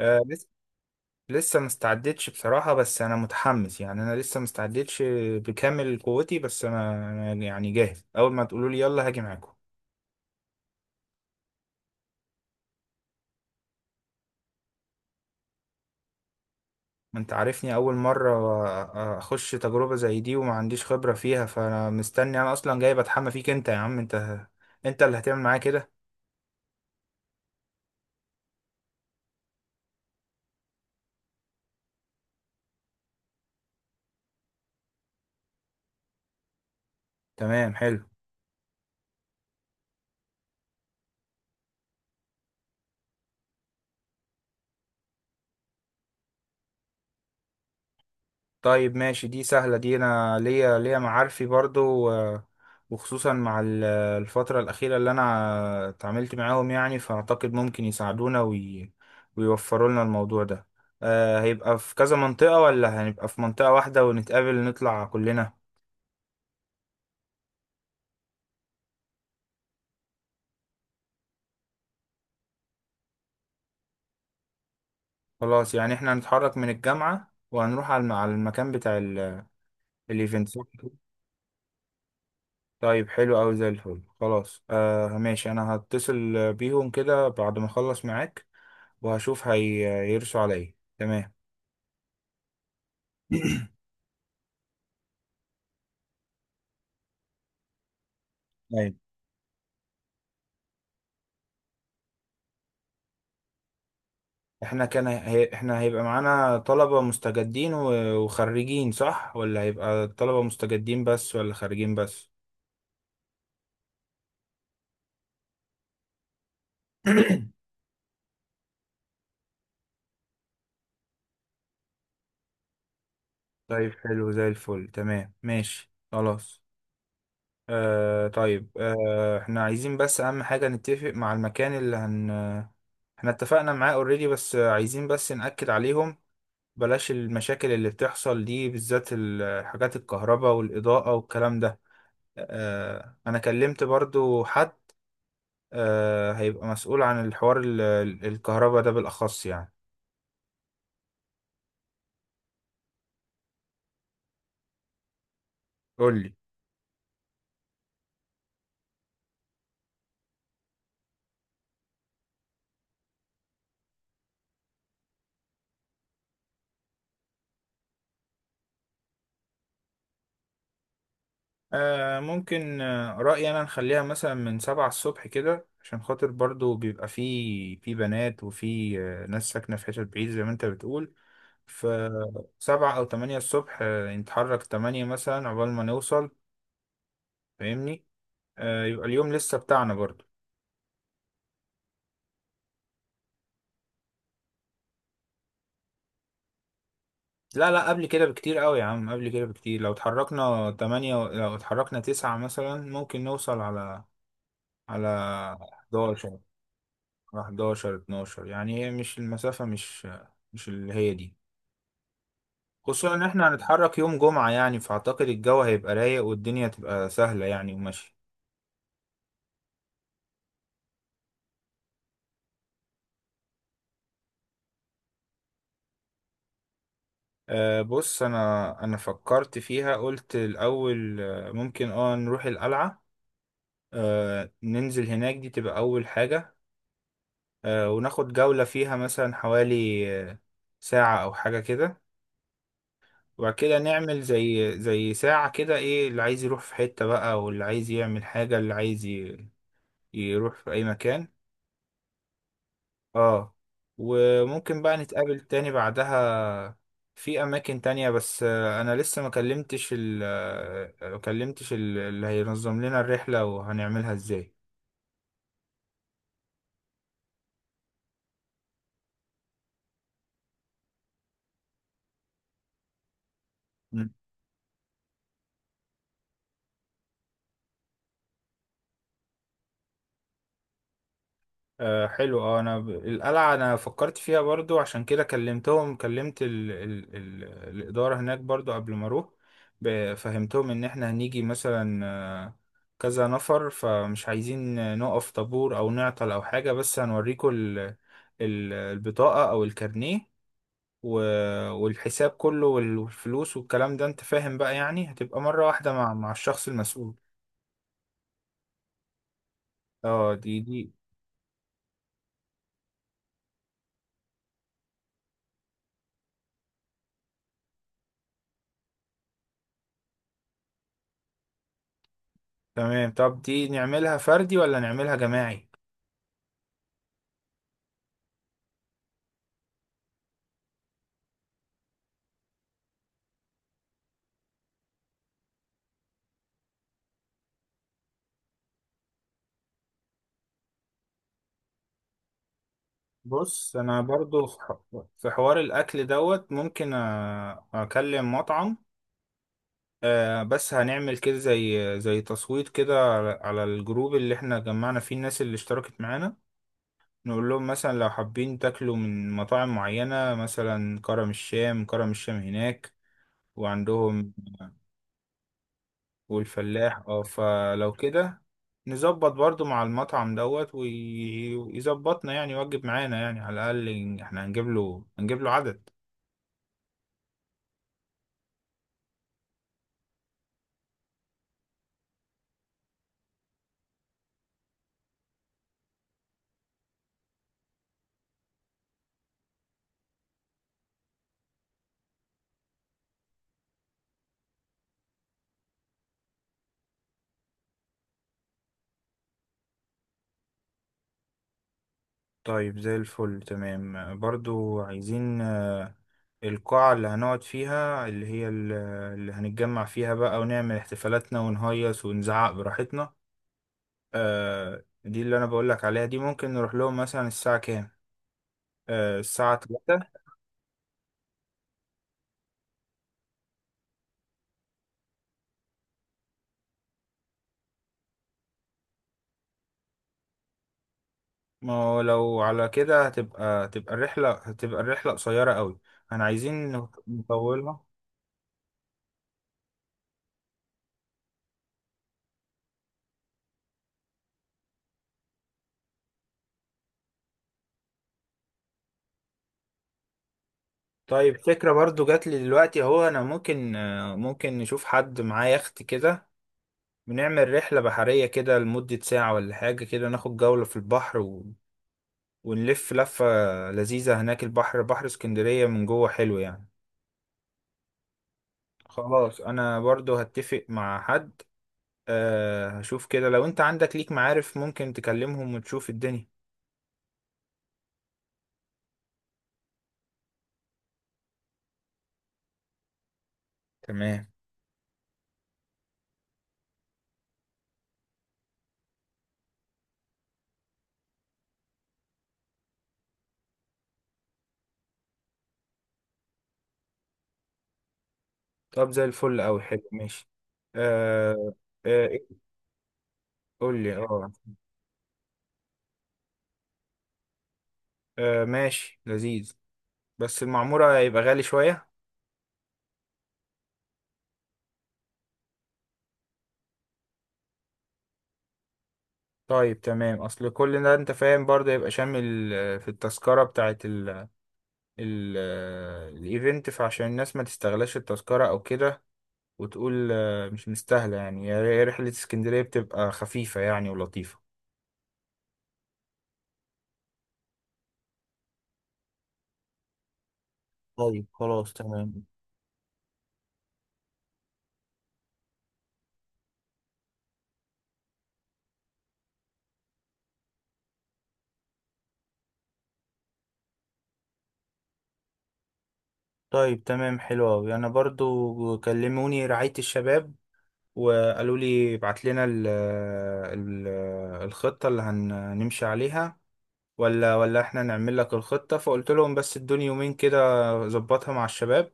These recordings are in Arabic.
آه لسه. لسه ما استعدتش بصراحة، بس أنا متحمس. يعني أنا لسه ما استعدتش بكامل قوتي، بس أنا يعني جاهز. أول ما تقولوا لي يلا هاجي معاكم. أنت عارفني أول مرة أخش تجربة زي دي وما عنديش خبرة فيها، فأنا مستني. أنا أصلا جاي بتحمى فيك أنت يا عم. أنت اللي هتعمل معايا كده. تمام، حلو. طيب ماشي، دي سهلة. دي أنا ليا معارفي برضو، وخصوصا مع الفترة الأخيرة اللي أنا اتعاملت معاهم، يعني فأعتقد ممكن يساعدونا ويوفروا لنا الموضوع ده. هيبقى في كذا منطقة، ولا هنبقى في منطقة واحدة ونتقابل نطلع كلنا؟ خلاص، يعني احنا هنتحرك من الجامعة وهنروح على على المكان بتاع الايفنت، صح كده؟ طيب حلو أوي، زي الفل. خلاص آه ماشي، أنا هتصل بيهم كده بعد ما أخلص معاك، وهشوف هيرسوا على ايه. تمام. طيب احنا احنا هيبقى معانا طلبة مستجدين وخريجين، صح؟ ولا هيبقى طلبة مستجدين بس، ولا خارجين بس؟ طيب حلو، زي الفل، تمام ماشي، خلاص. آه طيب، آه احنا عايزين بس اهم حاجة نتفق مع المكان اللي احنا اتفقنا معاه اوريدي، بس عايزين بس نأكد عليهم، بلاش المشاكل اللي بتحصل دي، بالذات الحاجات الكهرباء والإضاءة والكلام ده. انا كلمت برضو حد هيبقى مسؤول عن الحوار الكهرباء ده بالاخص، يعني. قول لي. ممكن، رأيي انا نخليها مثلا من سبعة الصبح كده، عشان خاطر برضو بيبقى في بنات وفي ناس ساكنة في حتت بعيد زي ما انت بتقول. فسبعة او تمانية الصبح، نتحرك تمانية مثلا عقبال ما نوصل. فاهمني؟ يبقى اليوم لسه بتاعنا برضو. لا لا، قبل كده بكتير قوي يا عم، قبل كده بكتير. لو اتحركنا تمانية لو اتحركنا تسعة مثلا ممكن نوصل على، على 11. على 11 12 يعني، هي مش المسافة مش اللي هي دي. خصوصا ان احنا هنتحرك يوم جمعة يعني، فاعتقد الجو هيبقى رايق والدنيا تبقى سهلة يعني وماشية. أه بص، انا فكرت فيها. قلت الاول ممكن اه نروح القلعة. أه ننزل هناك، دي تبقى اول حاجة. وناخد جولة فيها مثلا حوالي آه، ساعة أو حاجة كده. وبعد كده نعمل زي ساعة كده، إيه اللي عايز يروح في حتة بقى، واللي عايز يعمل حاجة، اللي عايز يروح في أي مكان. اه. وممكن بقى نتقابل تاني بعدها في أماكن تانية، بس أنا لسه ما كلمتش ال ما كلمتش اللي هينظم لنا الرحلة وهنعملها إزاي. آه حلو، اه انا القلعة انا فكرت فيها برضو، عشان كده كلمتهم. كلمت الإدارة هناك برضو قبل ما اروح. فهمتهم ان احنا هنيجي مثلا كذا نفر، فمش عايزين نقف طابور او نعطل او حاجة، بس هنوريكم البطاقة او الكارنيه و... والحساب كله والفلوس والكلام ده، انت فاهم بقى يعني، هتبقى مرة واحدة مع الشخص المسؤول. اه دي تمام. طب دي نعملها فردي ولا نعملها جماعي؟ بص انا برضو في في حوار الاكل دوت، ممكن اكلم مطعم، بس هنعمل كده زي تصويت كده على الجروب اللي احنا جمعنا فيه الناس اللي اشتركت معانا. نقول لهم مثلا لو حابين تاكلوا من مطاعم معينة، مثلا كرم الشام هناك، وعندهم. والفلاح اه، فلو كده نظبط برضو مع المطعم دوت ويظبطنا، يعني يوجب معانا يعني، على الاقل احنا هنجيب له عدد. طيب زي الفل، تمام. برضو عايزين القاعة اللي هنقعد فيها، اللي هي اللي هنتجمع فيها بقى ونعمل احتفالاتنا ونهيص ونزعق براحتنا. دي اللي أنا بقولك عليها دي، ممكن نروح لهم مثلا الساعة كام؟ الساعة تلاتة؟ ما هو لو على كده هتبقى الرحلة قصيرة قوي. أنا عايزين نطولها. طيب فكرة برضو جات لي دلوقتي اهو، أنا ممكن، ممكن نشوف حد معاه يخت كده، بنعمل رحلة بحرية كده لمدة ساعة ولا حاجة كده، ناخد جولة في البحر ونلف لفة لذيذة هناك، البحر بحر اسكندرية من جوه حلو يعني. خلاص أنا برضو هتفق مع حد. أه هشوف كده، لو أنت عندك ليك معارف ممكن تكلمهم وتشوف الدنيا. تمام. طب زي الفل أوي، حلو ماشي. أه. أه إيه؟ قول لي أه. أه ماشي، لذيذ. بس المعمورة هيبقى غالي شوية. طيب تمام، اصل كل ده انت فاهم برضه، يبقى شامل في التذكرة بتاعت ال- الايفنت، فعشان الناس ما تستغلاش التذكرة او كده وتقول مش مستاهلة. يعني هي رحلة اسكندرية بتبقى خفيفة يعني، ولطيفة. طيب خلاص تمام. طيب تمام حلو أوي. أنا برضو كلموني رعاية الشباب وقالوا لي ابعت لنا ال آه، الخطة اللي هنمشي عليها، ولا احنا نعمل لك الخطة. فقلت لهم بس ادوني يومين كده اظبطها مع الشباب،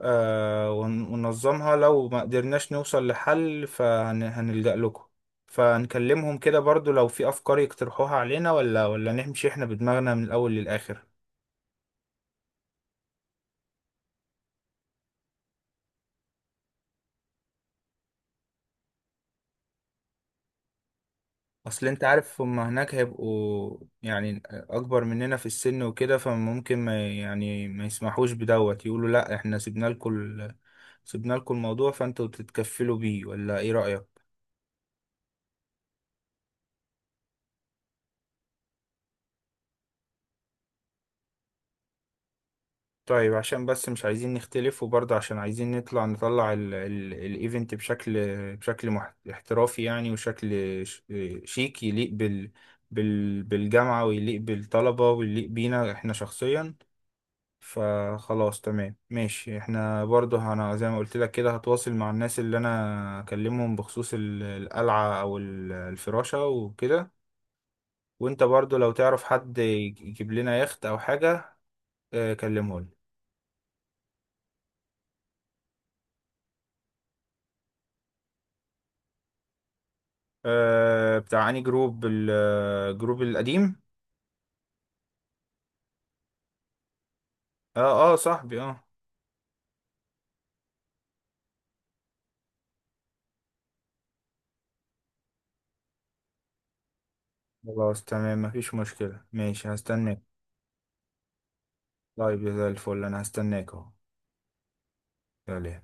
وننظمها، لو ما قدرناش نوصل لحل فهنلجأ لكم. فنكلمهم كده برضو، لو في أفكار يقترحوها علينا، ولا نمشي احنا بدماغنا من الأول للآخر. أصل أنت عارف هما هناك هيبقوا يعني أكبر مننا في السن وكده، فممكن ما يعني ما يسمحوش بدوت، يقولوا لأ احنا سيبنا لكم سيبنا لكم الموضوع، فأنتوا تتكفلوا بيه. ولا إيه رأيك؟ طيب عشان بس مش عايزين نختلف، وبرضه عشان عايزين نطلع الايفنت بشكل احترافي يعني، وشكل ش- شيك يليق بالجامعة، ويليق بالطلبة ويليق بينا احنا شخصيا. فخلاص تمام ماشي، احنا برضه انا زي ما قلت لك كده هتواصل مع الناس اللي انا اكلمهم بخصوص القلعة او الفراشة وكده. وانت برضه لو تعرف حد يجيب لنا يخت او حاجة، اه، كلمه لي. آه بتاع اني جروب، الجروب القديم. اه، اه، صاحبي، اه. خلاص تمام، مفيش مشكلة، ماشي هستناك. طيب زي الفل، انا هستناك اهو. يلا.